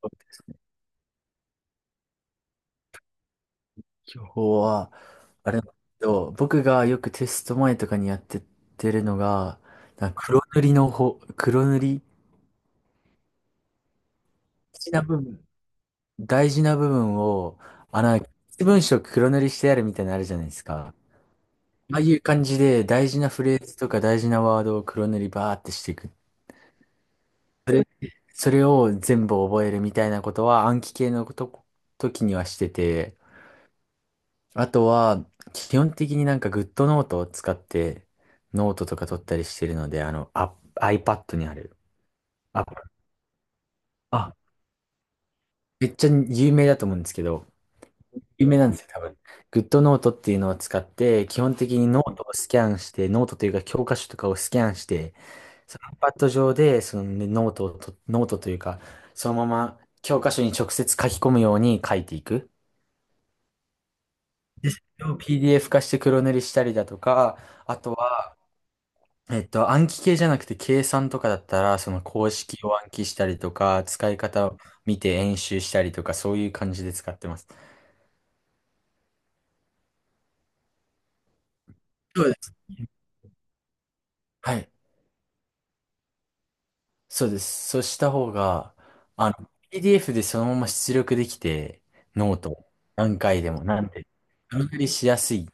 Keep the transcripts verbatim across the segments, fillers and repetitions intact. そうですね。今日は、あれなんですけど、僕がよくテスト前とかにやってってるのが、なんか黒塗りの方、黒塗り、大事な部分、大事な部分を、あの、な一文章黒塗りしてやるみたいなのあるじゃないですか。ああいう感じで、大事なフレーズとか大事なワードを黒塗りバーってしていく。それ、それを全部覚えるみたいなことは暗記系のこと、時にはしてて、あとは、基本的になんか GoodNote を使ってノートとか取ったりしてるので、あの、あ、iPad にある。あ、あ、めっちゃ有名だと思うんですけど、有名なんですよ、多分。GoodNote っていうのを使って、基本的にノートをスキャンして、ノートというか教科書とかをスキャンして、その iPad 上で、そのねノートをと、ノートというか、そのまま教科書に直接書き込むように書いていく。で、それを ピーディーエフ 化して黒塗りしたりだとか、あとは、えっと、暗記系じゃなくて計算とかだったら、その公式を暗記したりとか、使い方を見て演習したりとか、そういう感じで使ってます。そうです。はい。そうです。そうした方が、あの、ピーディーエフ でそのまま出力できて、ノート、何回でも、なんて、段取りしやすい。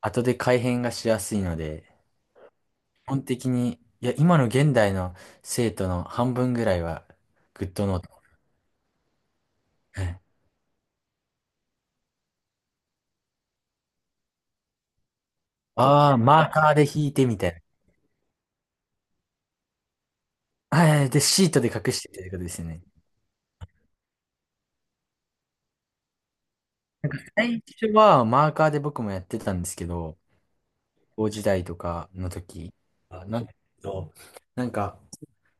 後で改変がしやすいので、基本的に、いや、今の現代の生徒の半分ぐらいは、グッドノート。ああー、マーカーで引いてみたいな。はい。で、シートで隠してるってことですよね。最初はマーカーで僕もやってたんですけど、高校時代とかの時、あなんと、なんか、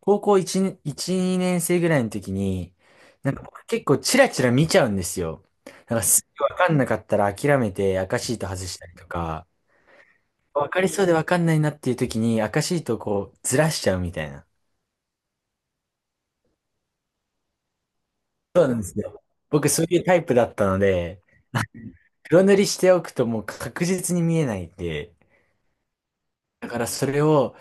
高校1年、いち、にねん生ぐらいの時に、なんか僕結構チラチラ見ちゃうんですよ。なんかすぐわかんなかったら諦めて赤シート外したりとか、わかりそうでわかんないなっていう時に赤シートをこうずらしちゃうみたいな。そうなんですよ。僕そういうタイプだったので、黒塗りしておくともう確実に見えないんで、だからそれを、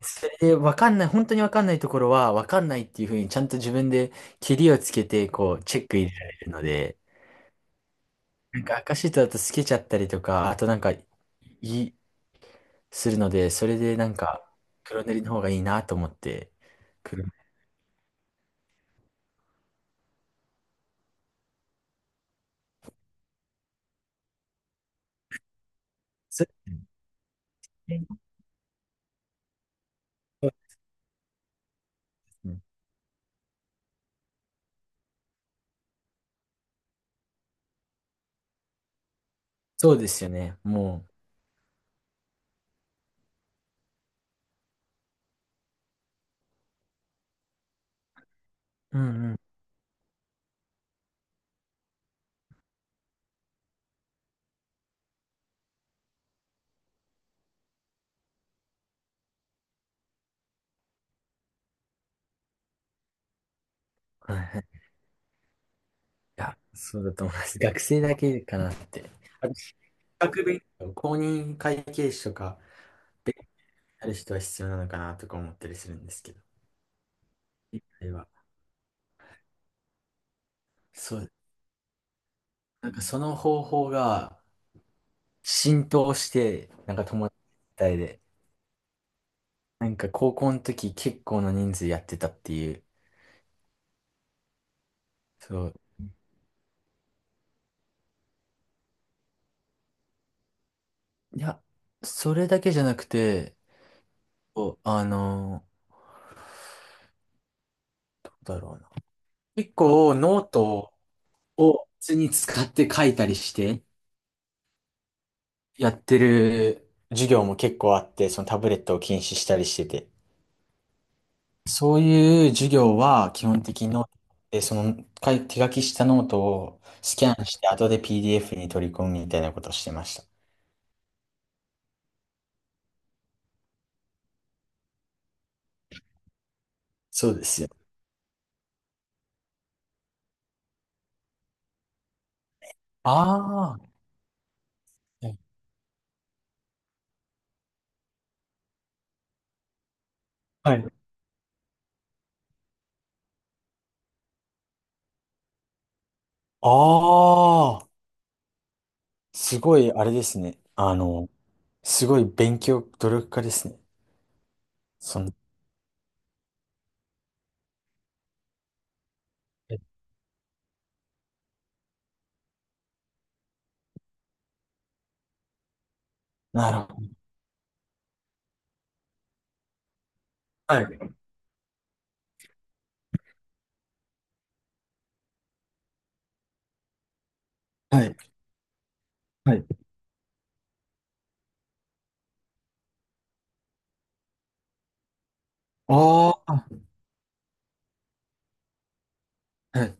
それで分かんない、本当に分かんないところは分かんないっていうふうにちゃんと自分でケリをつけて、こう、チェック入れられるので、なんか赤シートだと透けちゃったりとか、あとなんか、い、するので、それでなんか、黒塗りの方がいいなと思って、黒塗り。そそうですね。そうですよね。もう、うんうん。はいはい。いや、そうだと思います。学生だけかなって。あと資格勉強、公認会計士とか、ある人は必要なのかなとか思ったりするんですけど、一回は。そう、なんかその方法が浸透して、なんか友達みたいで、なんか高校の時結構な人数やってたっていう。そう。いや、それだけじゃなくて、こうあの、どうだろうな。結構ノートを普通に使って書いたりしてやってる授業も結構あって、そのタブレットを禁止したりしてて。そういう授業は基本的にノートで、その書い手書きしたノートをスキャンして後で ピーディーエフ に取り込むみたいなことをしてました。そうですよ。ああ、はい。ああ、すごいあれですね。あの、すごい勉強、努力家ですね。その、えなるほど。はい。はい。はい。ああ、はい。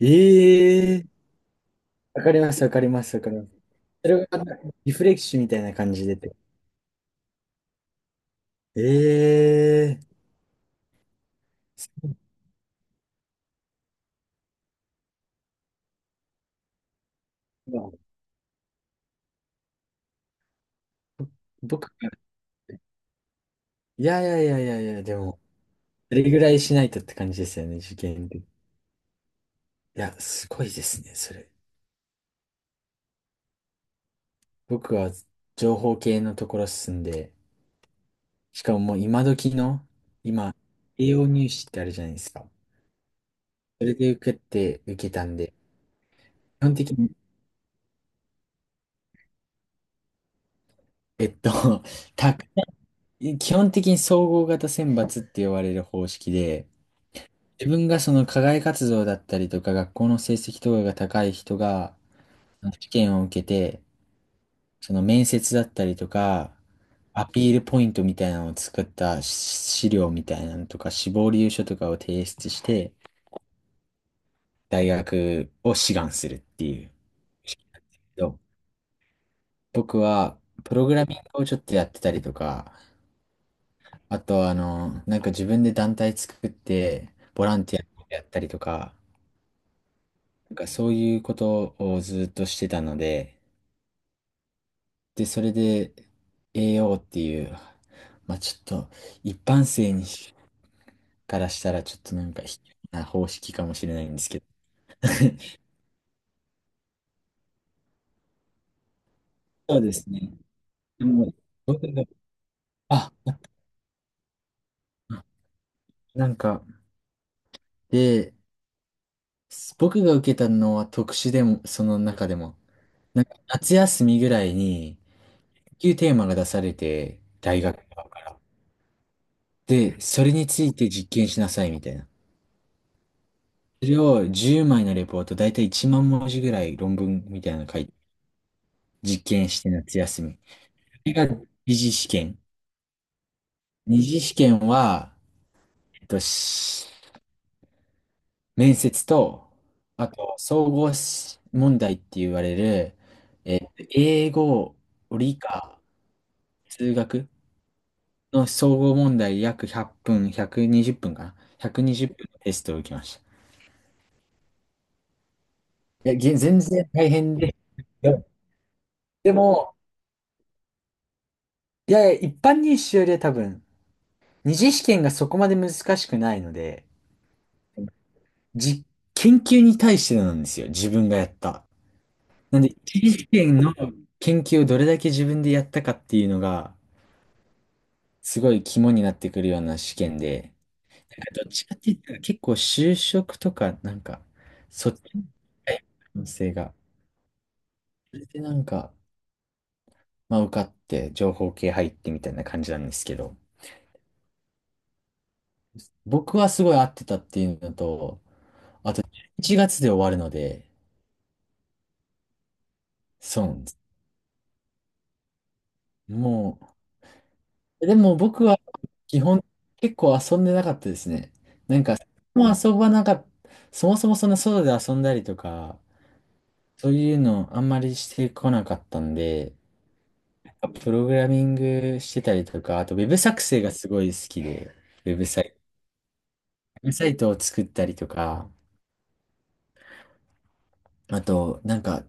ええ、わかります、わかります、わかります。それがリフレッシュみたいな感じでて。ええまあ僕からっていやいやいやいやいや、でも、あれぐらいしないとって感じですよね、受験で。いや、すごいですね、それ。僕は情報系のところ進んで、しかももう今時の、今、栄養入試ってあるじゃないですか。それで受けて、受けたんで、基本的に、えっと、たくさん基本的に総合型選抜って言われる方式で、自分がその課外活動だったりとか、学校の成績とかが高い人が、試験を受けて、その面接だったりとか、アピールポイントみたいなのを作った資料みたいなのとか、志望理由書とかを提出して、大学を志願するっていう式なんだけど。そ僕は、プログラミングをちょっとやってたりとか、あと、あの、なんか自分で団体作って、ボランティアやったりとか、なんかそういうことをずっとしてたので、で、それで、エーオー っていう、まあちょっと、一般性にからしたらちょっとなんか卑怯な方式かもしれないんですけど。そうですね。でも、僕が、あ、なんか、で、僕が受けたのは特殊でも、その中でも、なんか夏休みぐらいに、研究テーマが出されて、大学側から。で、それについて実験しなさいみたいな。それをじゅうまいのレポート、だいたいいちまん文字ぐらい論文みたいなの書いて、実験して夏休み。それが二次試験。二次試験は、えっと、面接と、あと、総合し問題って言われる、えー英語、理科、数学の総合問題約ひゃっぷん、ひゃくにじゅっぷんかな？ ひゃくにじゅう 分のテストを受けました。いや、げ全然大変で、でも、でもいやいや、一般入試よりは多分、二次試験がそこまで難しくないので、じ、研究に対してなんですよ、自分がやった。なんで、一次試験の研究をどれだけ自分でやったかっていうのが、すごい肝になってくるような試験で、なんかどっちかって言ったら結構就職とか、なんか、そっちの可能性が。それでなんか、まあ受かって情報系入ってみたいな感じなんですけど、僕はすごい合ってたっていうのと、いちがつで終わるので、そうなんです。もう、でも僕は基本結構遊んでなかったですね。なんか、もう遊ばなかった、そもそもそんな外で遊んだりとか、そういうのあんまりしてこなかったんで、プログラミングしてたりとか、あとウェブ作成がすごい好きで、ウェブサイト、ウェブサイトを作ったりとか、あと、なんか、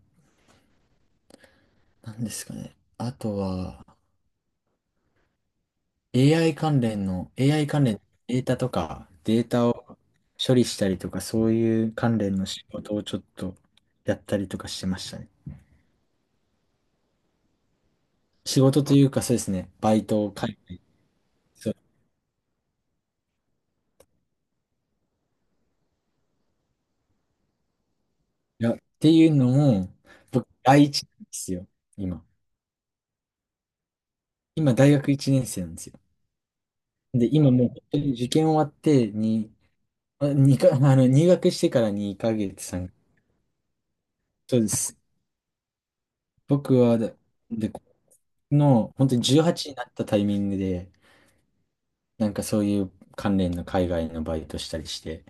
なんですかね。あとは、AI 関連の、エーアイ 関連のデータとか、データを処理したりとか、そういう関連の仕事をちょっとやったりとかしてましたね。仕事というか、そうですね、バイトを書いて、そう、いや、っていうのも、僕、第一なんですよ、今。今、大学一年生なんですよ。で、今もう本当に受験終わってに、あにか、あの、入学してからにかげつ、3、そうです。僕はで、でこの、本当にじゅうはちになったタイミングで、なんかそういう関連の海外のバイトしたりして。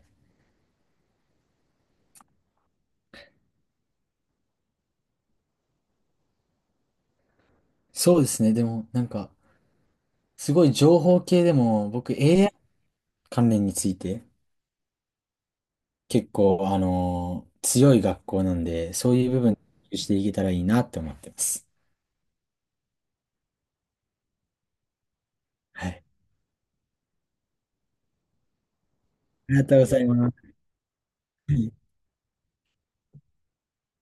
そうですね。でも、なんか、すごい情報系でも、僕 エーアイ 関連について、結構、あのー強い学校なんで、そういう部分していけたらいいなって思ってます。はい。ありがとうございます。